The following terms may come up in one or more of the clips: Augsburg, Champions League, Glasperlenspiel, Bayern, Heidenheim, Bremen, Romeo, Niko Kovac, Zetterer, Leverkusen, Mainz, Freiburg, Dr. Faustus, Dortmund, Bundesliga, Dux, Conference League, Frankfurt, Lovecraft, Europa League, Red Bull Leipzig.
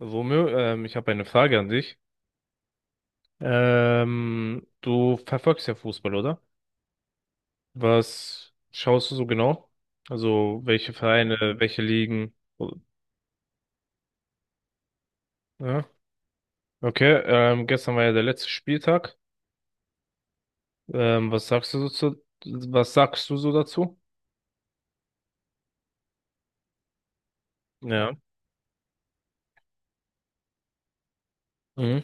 Romeo, ich habe eine Frage an dich. Du verfolgst ja Fußball, oder? Was schaust du so genau? Also welche Vereine, welche Ligen? Oh, ja. Okay, gestern war ja der letzte Spieltag. Ähm, was sagst du so zu, Was sagst du so dazu? Ja. Mhm.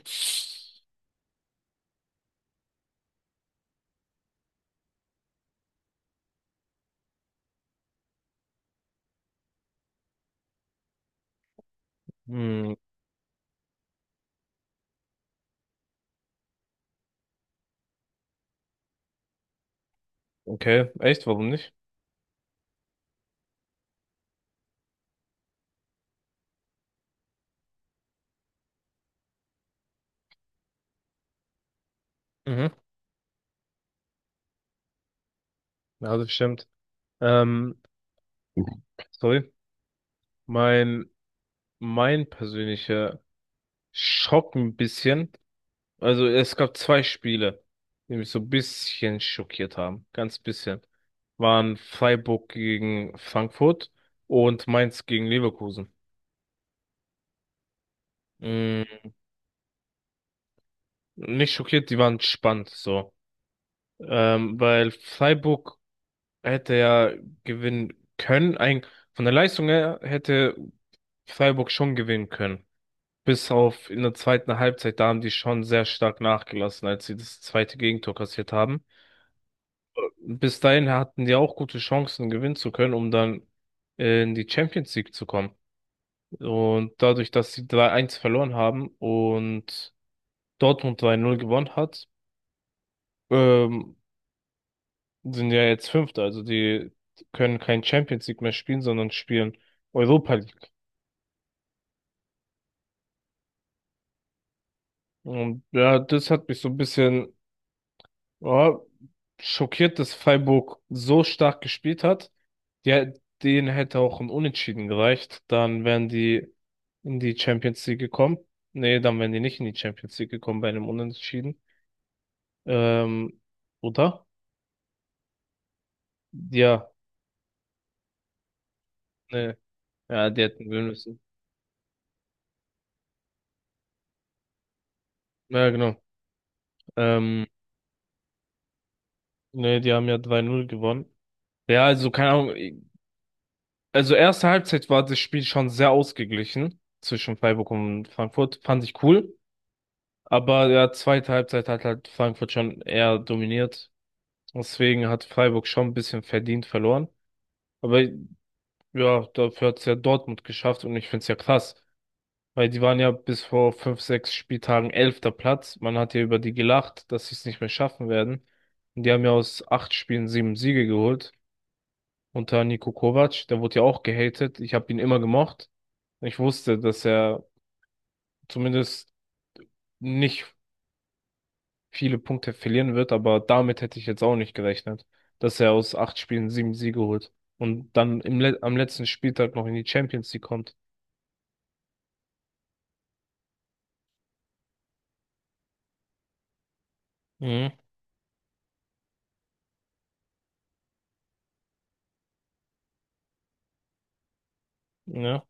Mhm. Okay, echt, warum nicht? Mhm. Ja, das stimmt. Ähm, Sorry. Mein, mein persönlicher Schock ein bisschen. Also es gab zwei Spiele, die mich so ein bisschen schockiert haben. Ganz bisschen. Waren Freiburg gegen Frankfurt und Mainz gegen Leverkusen. Mm, Nicht schockiert, die waren spannend so. Weil Freiburg hätte ja gewinnen können. Von der Leistung her hätte Freiburg schon gewinnen können. Bis auf in der zweiten Halbzeit, da haben die schon sehr stark nachgelassen, als sie das zweite Gegentor kassiert haben. Bis dahin hatten die auch gute Chancen, gewinnen zu können, um dann in die Champions League zu kommen. Und dadurch, dass sie 3-1 verloren haben und Dortmund 3-0 gewonnen hat, ähm, sind ja jetzt Fünfte. Also die können kein Champions League mehr spielen, sondern spielen Europa League. Und ja, das hat mich so ein bisschen, ja, schockiert, dass Freiburg so stark gespielt hat. Ja, denen hätte auch ein Unentschieden gereicht. Dann wären die in die Champions League gekommen. Nee, dann wären die nicht in die Champions League gekommen bei einem Unentschieden. Ähm, oder? Ja, nee. Ja, die hätten gewinnen müssen. Ja, genau. Ähm, Nee, die haben ja 2 Null gewonnen. Ja, also keine Ahnung. Also erste Halbzeit war das Spiel schon sehr ausgeglichen zwischen Freiburg und Frankfurt. Fand ich cool. Aber ja, zweite Halbzeit hat halt Frankfurt schon eher dominiert. Deswegen hat Freiburg schon ein bisschen verdient verloren. Aber ja, dafür hat es ja Dortmund geschafft und ich finde es ja krass, weil die waren ja bis vor fünf, sechs Spieltagen elfter Platz. Man hat ja über die gelacht, dass sie es nicht mehr schaffen werden. Und die haben ja aus acht Spielen sieben Siege geholt. Unter Niko Kovac, der wurde ja auch gehatet. Ich habe ihn immer gemocht. Ich wusste, dass er zumindest nicht viele Punkte verlieren wird, aber damit hätte ich jetzt auch nicht gerechnet, dass er aus acht Spielen sieben Siege holt und dann im Le am letzten Spieltag noch in die Champions League kommt. Mhm. Ja.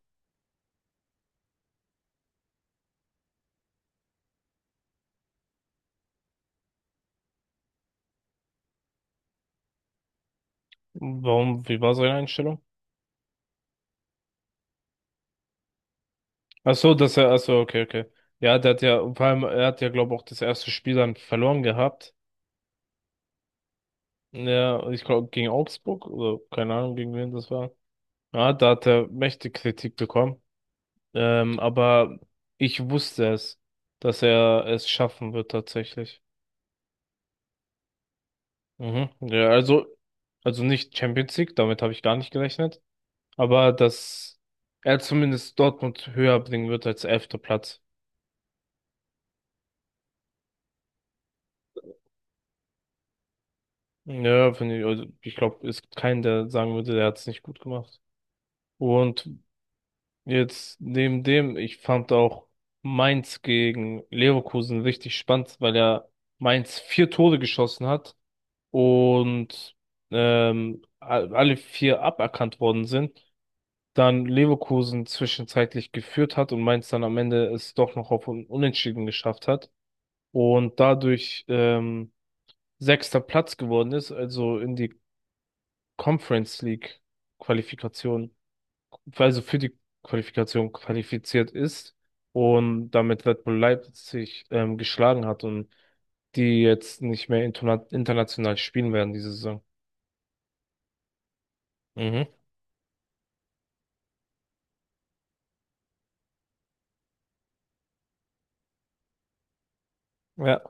Warum, wie war seine Einstellung? Ach so, ach so, okay, okay. Ja, vor allem, er hat ja, glaube ich, auch das erste Spiel dann verloren gehabt. Ja, ich glaube, gegen Augsburg oder keine Ahnung, gegen wen das war. Ja, da hat er mächtig Kritik bekommen. Aber ich wusste es, dass er es schaffen wird tatsächlich. Mhm. Ja, also, nicht Champions League, damit habe ich gar nicht gerechnet. Aber dass er zumindest Dortmund höher bringen wird als elfter Platz. Ja, finde ich, also ich glaube, es gibt keinen, der sagen würde, der hat es nicht gut gemacht. Und jetzt neben dem, ich fand auch Mainz gegen Leverkusen richtig spannend, weil ja Mainz vier Tore geschossen hat und alle vier aberkannt worden sind. Dann Leverkusen zwischenzeitlich geführt hat und Mainz dann am Ende es doch noch auf Unentschieden geschafft hat und dadurch sechster Platz geworden ist, also in die Conference League Qualifikation, also für die Qualifikation qualifiziert ist und damit Red Bull Leipzig geschlagen hat und die jetzt nicht mehr international spielen werden diese Saison. Mhm. Ja,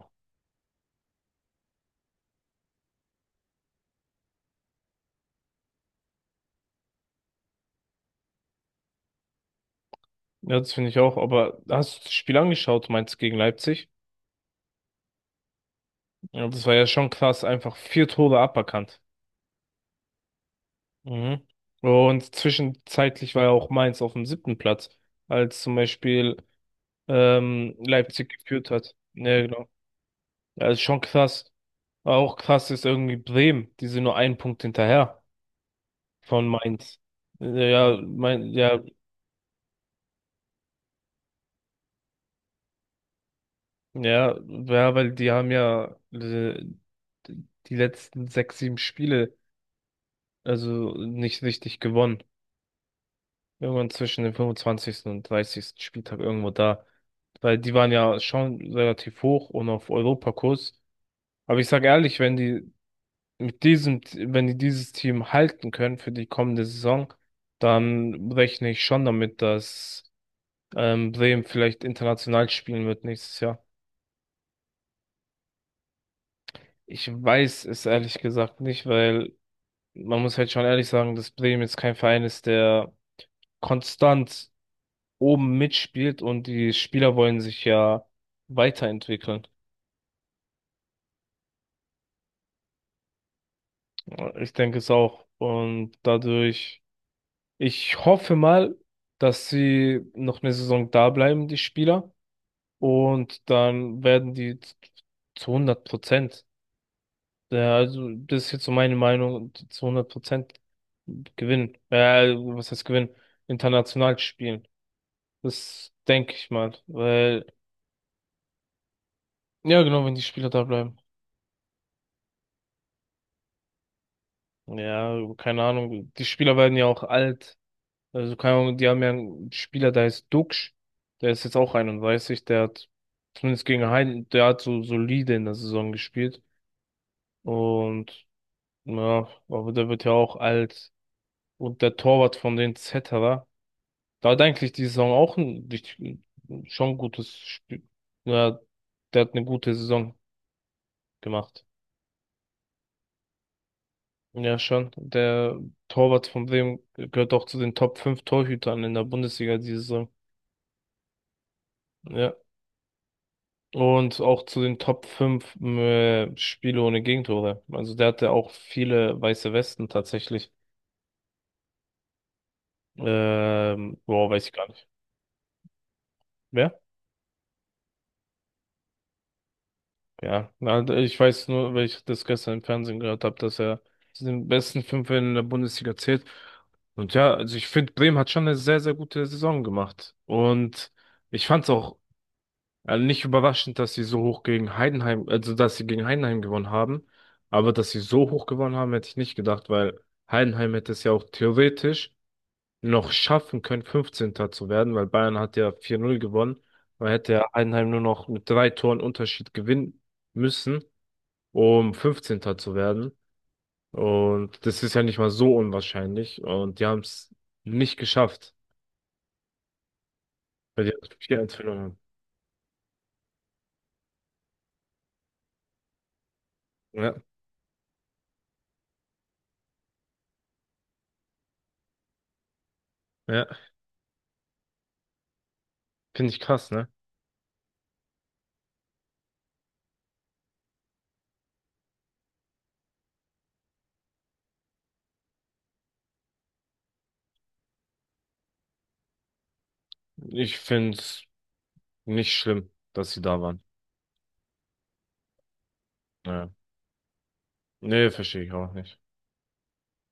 ja, das finde ich auch. Aber hast du das Spiel angeschaut, Mainz gegen Leipzig? Ja, das war ja schon krass, einfach vier Tore aberkannt. Mhm. Und zwischenzeitlich war ja auch Mainz auf dem siebten Platz, als zum Beispiel Leipzig geführt hat. Ja, genau. Ja, ist schon krass. Auch krass ist irgendwie Bremen, die sind nur einen Punkt hinterher von Mainz. Ja, ja, ja, ja, weil die haben ja die letzten sechs, sieben Spiele also nicht richtig gewonnen. Irgendwann zwischen dem 25. und 30. Spieltag irgendwo da. Weil die waren ja schon relativ hoch und auf Europakurs. Aber ich sage ehrlich, wenn die wenn die dieses Team halten können für die kommende Saison, dann rechne ich schon damit, dass Bremen vielleicht international spielen wird nächstes Jahr. Ich weiß es ehrlich gesagt nicht, weil man muss halt schon ehrlich sagen, dass Bremen jetzt kein Verein ist, der konstant oben mitspielt, und die Spieler wollen sich ja weiterentwickeln. Ich denke es auch. Und dadurch. Ich hoffe mal, dass sie noch eine Saison da bleiben, die Spieler. Und dann werden die zu 100 Prozent, ja, also das ist jetzt so meine Meinung, zu 100 Prozent gewinnen. Was heißt gewinnen? International spielen. Das denke ich mal. Weil, ja genau, wenn die Spieler da bleiben. Ja, keine Ahnung. Die Spieler werden ja auch alt. Also, keine Ahnung, die haben ja einen Spieler, der heißt Dux, der ist jetzt auch 31, der hat zumindest gegen Heiden, der hat so solide in der Saison gespielt. Und ja, aber der wird ja auch alt. Und der Torwart von den Zetterer, da hat eigentlich die Saison auch schon gutes Spiel. Ja, der hat eine gute Saison gemacht. Ja, schon. Der Torwart von Bremen gehört auch zu den Top 5 Torhütern in der Bundesliga diese Saison. Ja. Und auch zu den Top 5 Spiele ohne Gegentore. Also der hatte auch viele weiße Westen tatsächlich. Boah, weiß ich gar nicht. Wer? Ja, na, ich weiß nur, weil ich das gestern im Fernsehen gehört habe, dass er zu den besten fünf in der Bundesliga zählt. Und ja, also ich finde, Bremen hat schon eine sehr, sehr gute Saison gemacht. Und ich fand's auch also nicht überraschend, dass sie so hoch gegen Heidenheim, also dass sie gegen Heidenheim gewonnen haben, aber dass sie so hoch gewonnen haben, hätte ich nicht gedacht, weil Heidenheim hätte es ja auch theoretisch noch schaffen können, 15. zu werden, weil Bayern hat ja 4-0 gewonnen. Man hätte ja Heidenheim nur noch mit drei Toren Unterschied gewinnen müssen, um 15. zu werden. Und das ist ja nicht mal so unwahrscheinlich. Und die haben es nicht geschafft, weil die halt vier 1 verloren haben. Ja, ja, finde ich krass, ne? Ich finde es nicht schlimm, dass sie da waren. Ja. Nee, verstehe ich auch nicht.